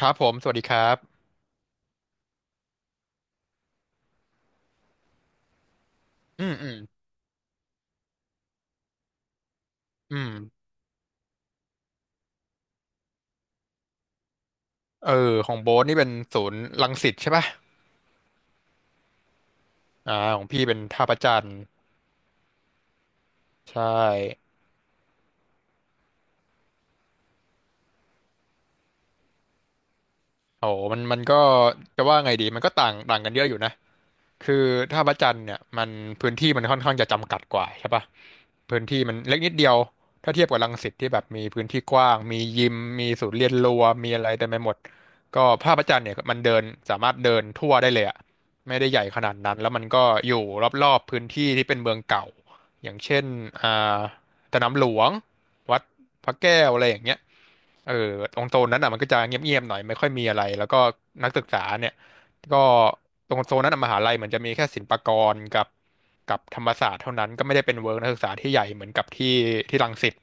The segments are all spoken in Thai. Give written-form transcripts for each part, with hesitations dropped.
ครับผมสวัสดีครับ อืม อืม อืมเออของโบ๊ทนี่เป็นศูนย์รังสิตใช่ป่ะของพี่เป็นท่าพระจันทร์ใช่ โอ้มันก็จะว่าไงดีมันก็ต่างต่างกันเยอะอยู่นะคือถ้าพระจันทร์เนี่ยมันพื้นที่มันค่อนข้างจะจำกัดกว่าใช่ปะพื้นที่มันเล็กนิดเดียวถ้าเทียบกับรังสิตที่แบบมีพื้นที่กว้างมียิมมีศูนย์เรียนรู้มีอะไรเต็มไปหมดก็ภาพพระจันทร์เนี่ยมันเดินสามารถเดินทั่วได้เลยอะไม่ได้ใหญ่ขนาดนั้นแล้วมันก็อยู่รอบๆพื้นที่ที่เป็นเมืองเก่าอย่างเช่นอ่าสนามหลวงวัดพระแก้วอะไรอย่างเงี้ย เออตรงโซนนั้นอ่ะมันก็จะเงียบๆหน่อยไม่ค่อยมีอะไรแล้วก็นักศึกษาเนี่ยก็ตรงโซนนั้นอะมหาลัยเหมือนจะมีแค่ศิลปากรกับธรรมศาสตร์เท่านั้นก็ไม่ได้เป็นเวิร์กนักศึกษาที่ใหญ่เหมือนกับที่รังสิต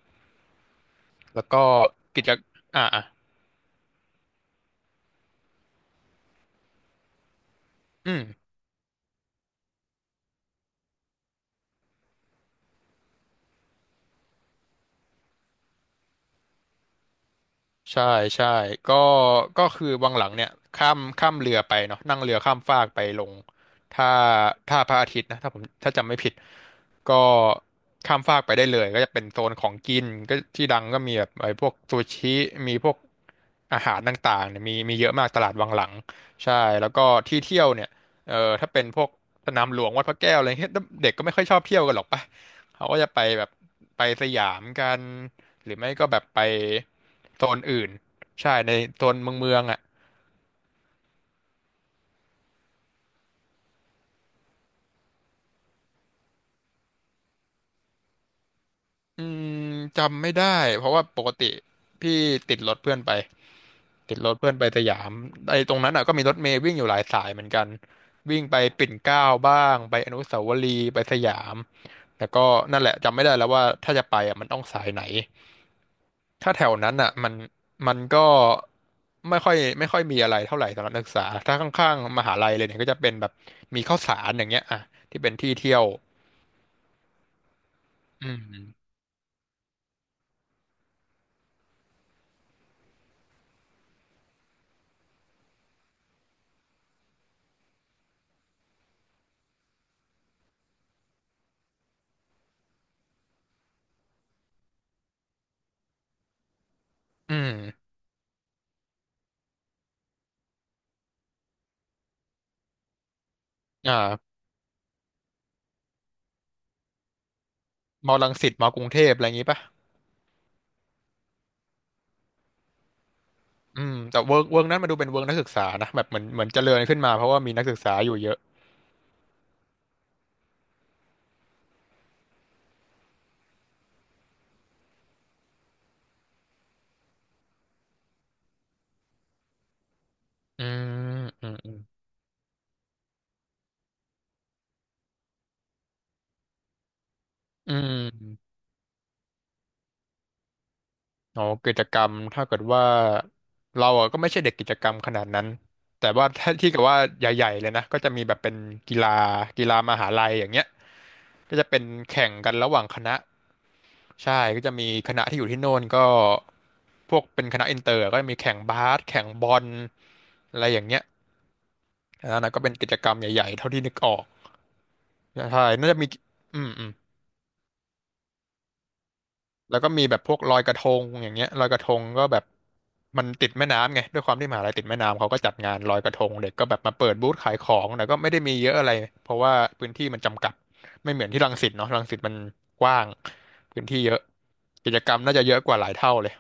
แล้วก็กิจอ่ะอ่ะอืม ใช่ใช่ก็ก็คือวังหลังเนี่ยข้ามเรือไปเนาะนั่งเรือข้ามฟากไปลงท่าท่าพระอาทิตย์นะถ้าผมถ้าจำไม่ผิดก็ข้ามฟากไปได้เลยก็จะเป็นโซนของกินก็ที่ดังก็มีแบบไอ้พวกซูชิมีพวกอาหารต่างๆเนี่ยมีเยอะมากตลาดวังหลังใช่แล้วก็ที่เที่ยวเนี่ยเออถ้าเป็นพวกสนามหลวงวัดพระแก้วอะไรเงี้ยเด็กก็ไม่ค่อยชอบเที่ยวกันหรอกปะเขาก็จะไปแบบไปสยามกัน หรือไม่ก็แบบไปโซนอื่นใช่ในโซนเมืองอ่ะอืมจำไม่ได้เพราะว่าปกติพี่ติดรถเพื่อนไปติดรถเพื่อนไปสยามไอ้ตรงนั้นอ่ะก็มีรถเมล์วิ่งอยู่หลายสายเหมือนกันวิ่งไปปิ่นเกล้าบ้างไปอนุสาวรีย์ไปสยามแล้วก็นั่นแหละจำไม่ได้แล้วว่าถ้าจะไปอ่ะมันต้องสายไหน ถ้าแถวนั้นอ่ะมันก็ไม่ค่อยมีอะไรเท่าไหร่สำหรับนักศึกษาถ้าข้างๆมหาลัยเลยเนี่ยก็จะเป็นแบบมีข้าวสารอย่างเงี้ยอ่ะที่เป็นที่เที่ยวอืมอืมอ่ามอรังสิตมอกรุงเทพอะไรอย่างงี้ป่ะอืมแต่เวิร์กนั้นมาดูเป็นเวิร์กนักศึกษานะแบบเหมือนเจริญขึ้นมาเพราะว่ามีนักศึกษาอยู่เยอะอืมอืมอืมอืม อ๋อกิจกรรมถ้าเกิดว่าเราอ่ะก็ไม่ใช่เด็กกิจกรรมขนาดนั้นแต่ว่า ถ้าที่กับว่าใหญ่ๆเลยนะก็จะมีแบบเป็นกีฬากีฬามหาลัยอย่างเงี้ยก็จะเป็นแข่งกันระหว่างคณะใช่ก็จะมีคณะที่อยู่ที่โน่นก็พวกเป็นคณะอินเตอร์ก็จะมีแข่งบาสแข่งบอลอะไรอย่างเงี้ยอันนั้นก็เป็นกิจกรรมใหญ่ๆเท่าที่นึกออกใช่น่าจะมีอืมอืม แล้วก็มีแบบพวกลอยกระทงอย่างเงี้ยลอยกระทงก็แบบมันติดแม่น้ำไงด้วยความที่มหาลัยติดแม่น้ำเขาก็จัดงานลอยกระทงเด็กก็แบบมาเปิดบูธขายของแต่ก็ไม่ได้มีเยอะอะไรเพราะว่าพื้นที่มันจำกัดไม่เหมือนที่รังสิตเนาะรังสิตมันกว้างพื้นที่เยอะกิจกรรมน่าจะเยอะกว่าหลายเท่าเลย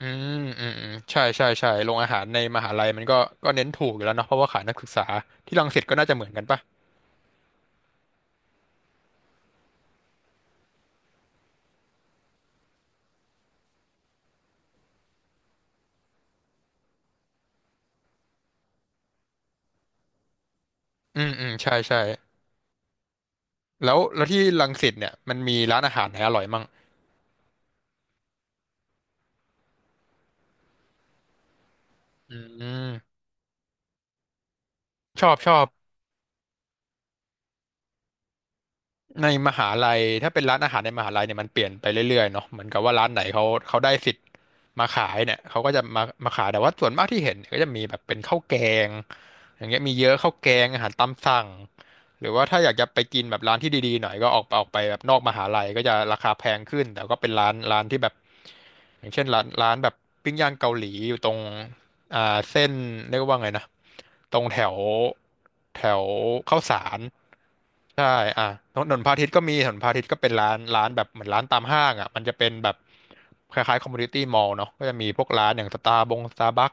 อืมอืมอืมใช่ใช่ใช่โรงอาหารในมหาลัยมันก็ก็เน้นถูกอยู่แล้วเนาะเพราะว่าขายนักศึกษาที่รังสิตก็น่าจะเหมือนกันปะอืมอืมใช่ใช่แล้วที่รังสิตเนี่ยมันมีร้านอาหารไหนอร่อยมั่งอืมชอบชอบ ในมหาลัยถ้าเป็นร้านอาหารในมหาลัยเนี่ยมันเปลี่ยนไปเรื่อยๆเนาะเหมือนกับว่าร้านไหนเขาได้สิทธิ์มาขายเนี่ยเขาก็จะมาขายแต่ว่าส่วนมากที่เห็นเนี่ยก็จะมีแบบเป็นข้าวแกงอย่างเงี้ยมีเยอะข้าวแกงอาหารตามสั่ง หรือว่าถ้าอยากจะไปกินแบบร้านที่ดีๆหน่อยก็ออกไปแบบนอกมหาลัยก็จะราคาแพงขึ้นแต่ก็เป็นร้านที่แบบอย่างเช่นร้านแบบปิ้งย่างเกาหลีอยู่ตรงเส้นเรียกว่าไงนะตรงแถวแถวข้าวสารใช่อ่ะถนนพาทิตย์ก็มีถนนพาทิตย์ก็เป็นร้านแบบเหมือนร้านตามห้างอ่ะมันจะเป็นแบบคล้ายๆคอมมูนิตี้มอลล์เนาะก็จะมีพวกร้านอย่างสตาร์บัค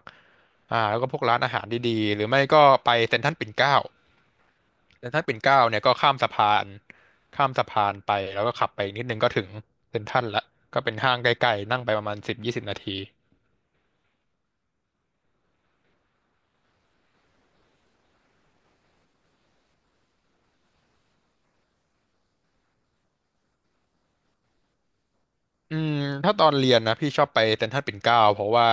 แล้วก็พวกร้านอาหารดีๆหรือไม่ก็ไปเซ็นทรัลปิ่นเกล้า แล้วถ้าปิ่นเกล้าเนี่ยก็ข้ามสะพานไปแล้วก็ขับไปนิดนึงก็ถึงเซ็นทรัลละก็เป็นห้างใกล้ๆนั่งไปประมาณสิบยี่สิบนาที อืมถ้าตอนเรียนนะพี่ชอบไปเซ็นทรัลปิ่นเกล้าเพราะว่า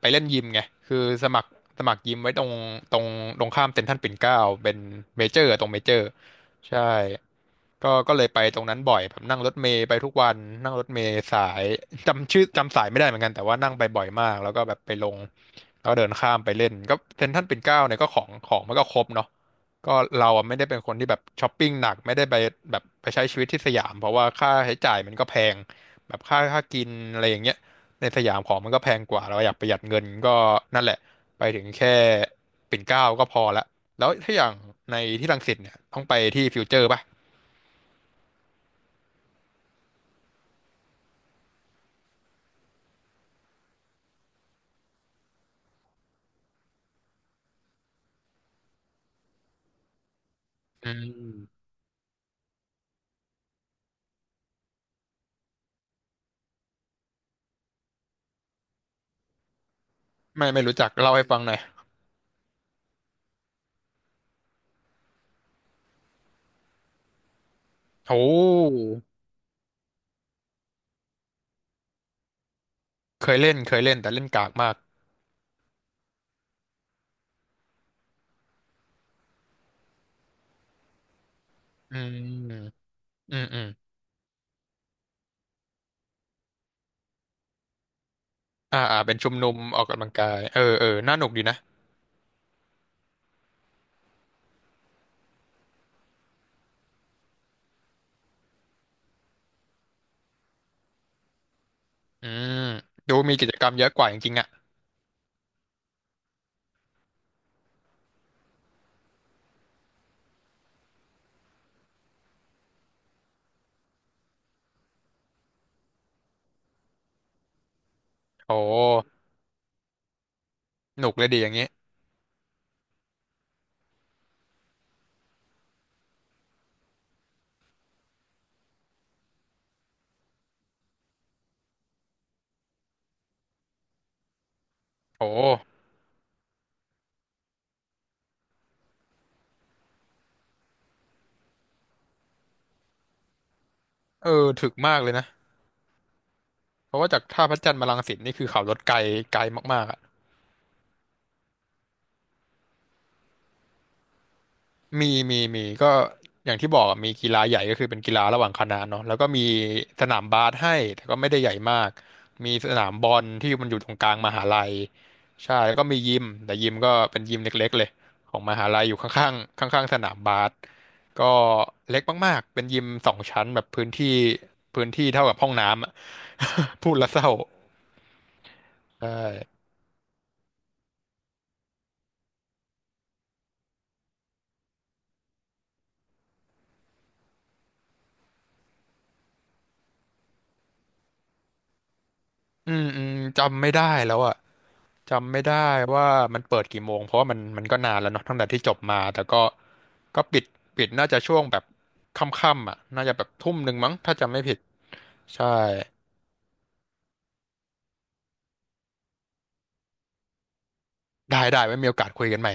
ไปเล่นยิมไงคือสมัครสมัครยิมไว้ตรงตรงข้ามเซ็นทรัลปิ่นเกล้าเป็นเมเจอร์ตรงเมเจอร์ใช่ก็เลยไปตรงนั้นบ่อยแบบนั่งรถเมล์ไปทุกวันนั่งรถเมล์สายจำชื่อจำสายไม่ได้เหมือนกันแต่ว่านั่งไปบ่อยมากแล้วก็แบบไปลงแล้วก็เดินข้ามไปเล่นก็เซ็นทรัลปิ่นเกล้าเนี่ยก็ของมันก็ครบเนาะก็เราอะไม่ได้เป็นคนที่แบบช้อปปิ้งหนักไม่ได้ไปแบบไปใช้ชีวิตที่สยามเพราะว่าค่าใช้จ่ายมันก็แพง แบบค่ากินอะไรอย่างเงี้ยในสยามของมันก็แพงกว่าเราอยากประหยัดเงินก็นั่นแหละไปถึงแค่ปิ่นเกล้าก็พอละแล้วถ้าอย่างในที่รังสิตเนี่ยต้องไปที่ฟิวเจอร์ป่ะอืมไม่รู้จักเล่าให้ฟังหน่อยโอ้เคยเล่นแต่เล่นกากมากอืมอืมอืมอ่าเป็นชุมนุมออกกำลังกายเออเออน่าหนุกดีนะอืมดูมีกิจกรรมเยอะกว่าจริงๆอ่ะโอ้หนุกเลยดีอย่างงี้โอ้เออถึกมากเลยนะ เพราะว่าจากท่าพระจันทร์มารังสิตนี่คือขับรถไกลไกลมากๆอ่ะมีก็อย่างที่บอกอะมีกีฬาใหญ่ก็คือเป็นกีฬาระหว่างคณะเนาะแล้วก็มีสนามบาสให้แต่ก็ไม่ได้ใหญ่มากมีสนามบอลที่มันอยู่ตรงกลางมหาลัยใช่แล้วก็มียิมแต่ยิมก็เป็นยิมเล็กๆเลยของมหาลัยอยู่ข้างๆข้างๆสนามบาสก็เล็กมากๆเป็นยิมสองชั้นแบบพื้นที่เท่ากับห้องน้ำอะ พูดแล้วเศร้าใช่อืมอืมจำไม่ได้แล้วอ่ะ จำไม่ได้ว่ามันเปิดกี่โมงเพราะว่ามันมันก็นานแล้วเนาะตั้งแต่ที่จบมาแต่ก็ก็ปิดน่าจะช่วงแบบค่ำๆอ่ะน่าจะแบบทุ่มหนึ่งมั้งถ้าจำไม่ผิดใช่ได้ไว้มีโอกาสคุยกันใหม่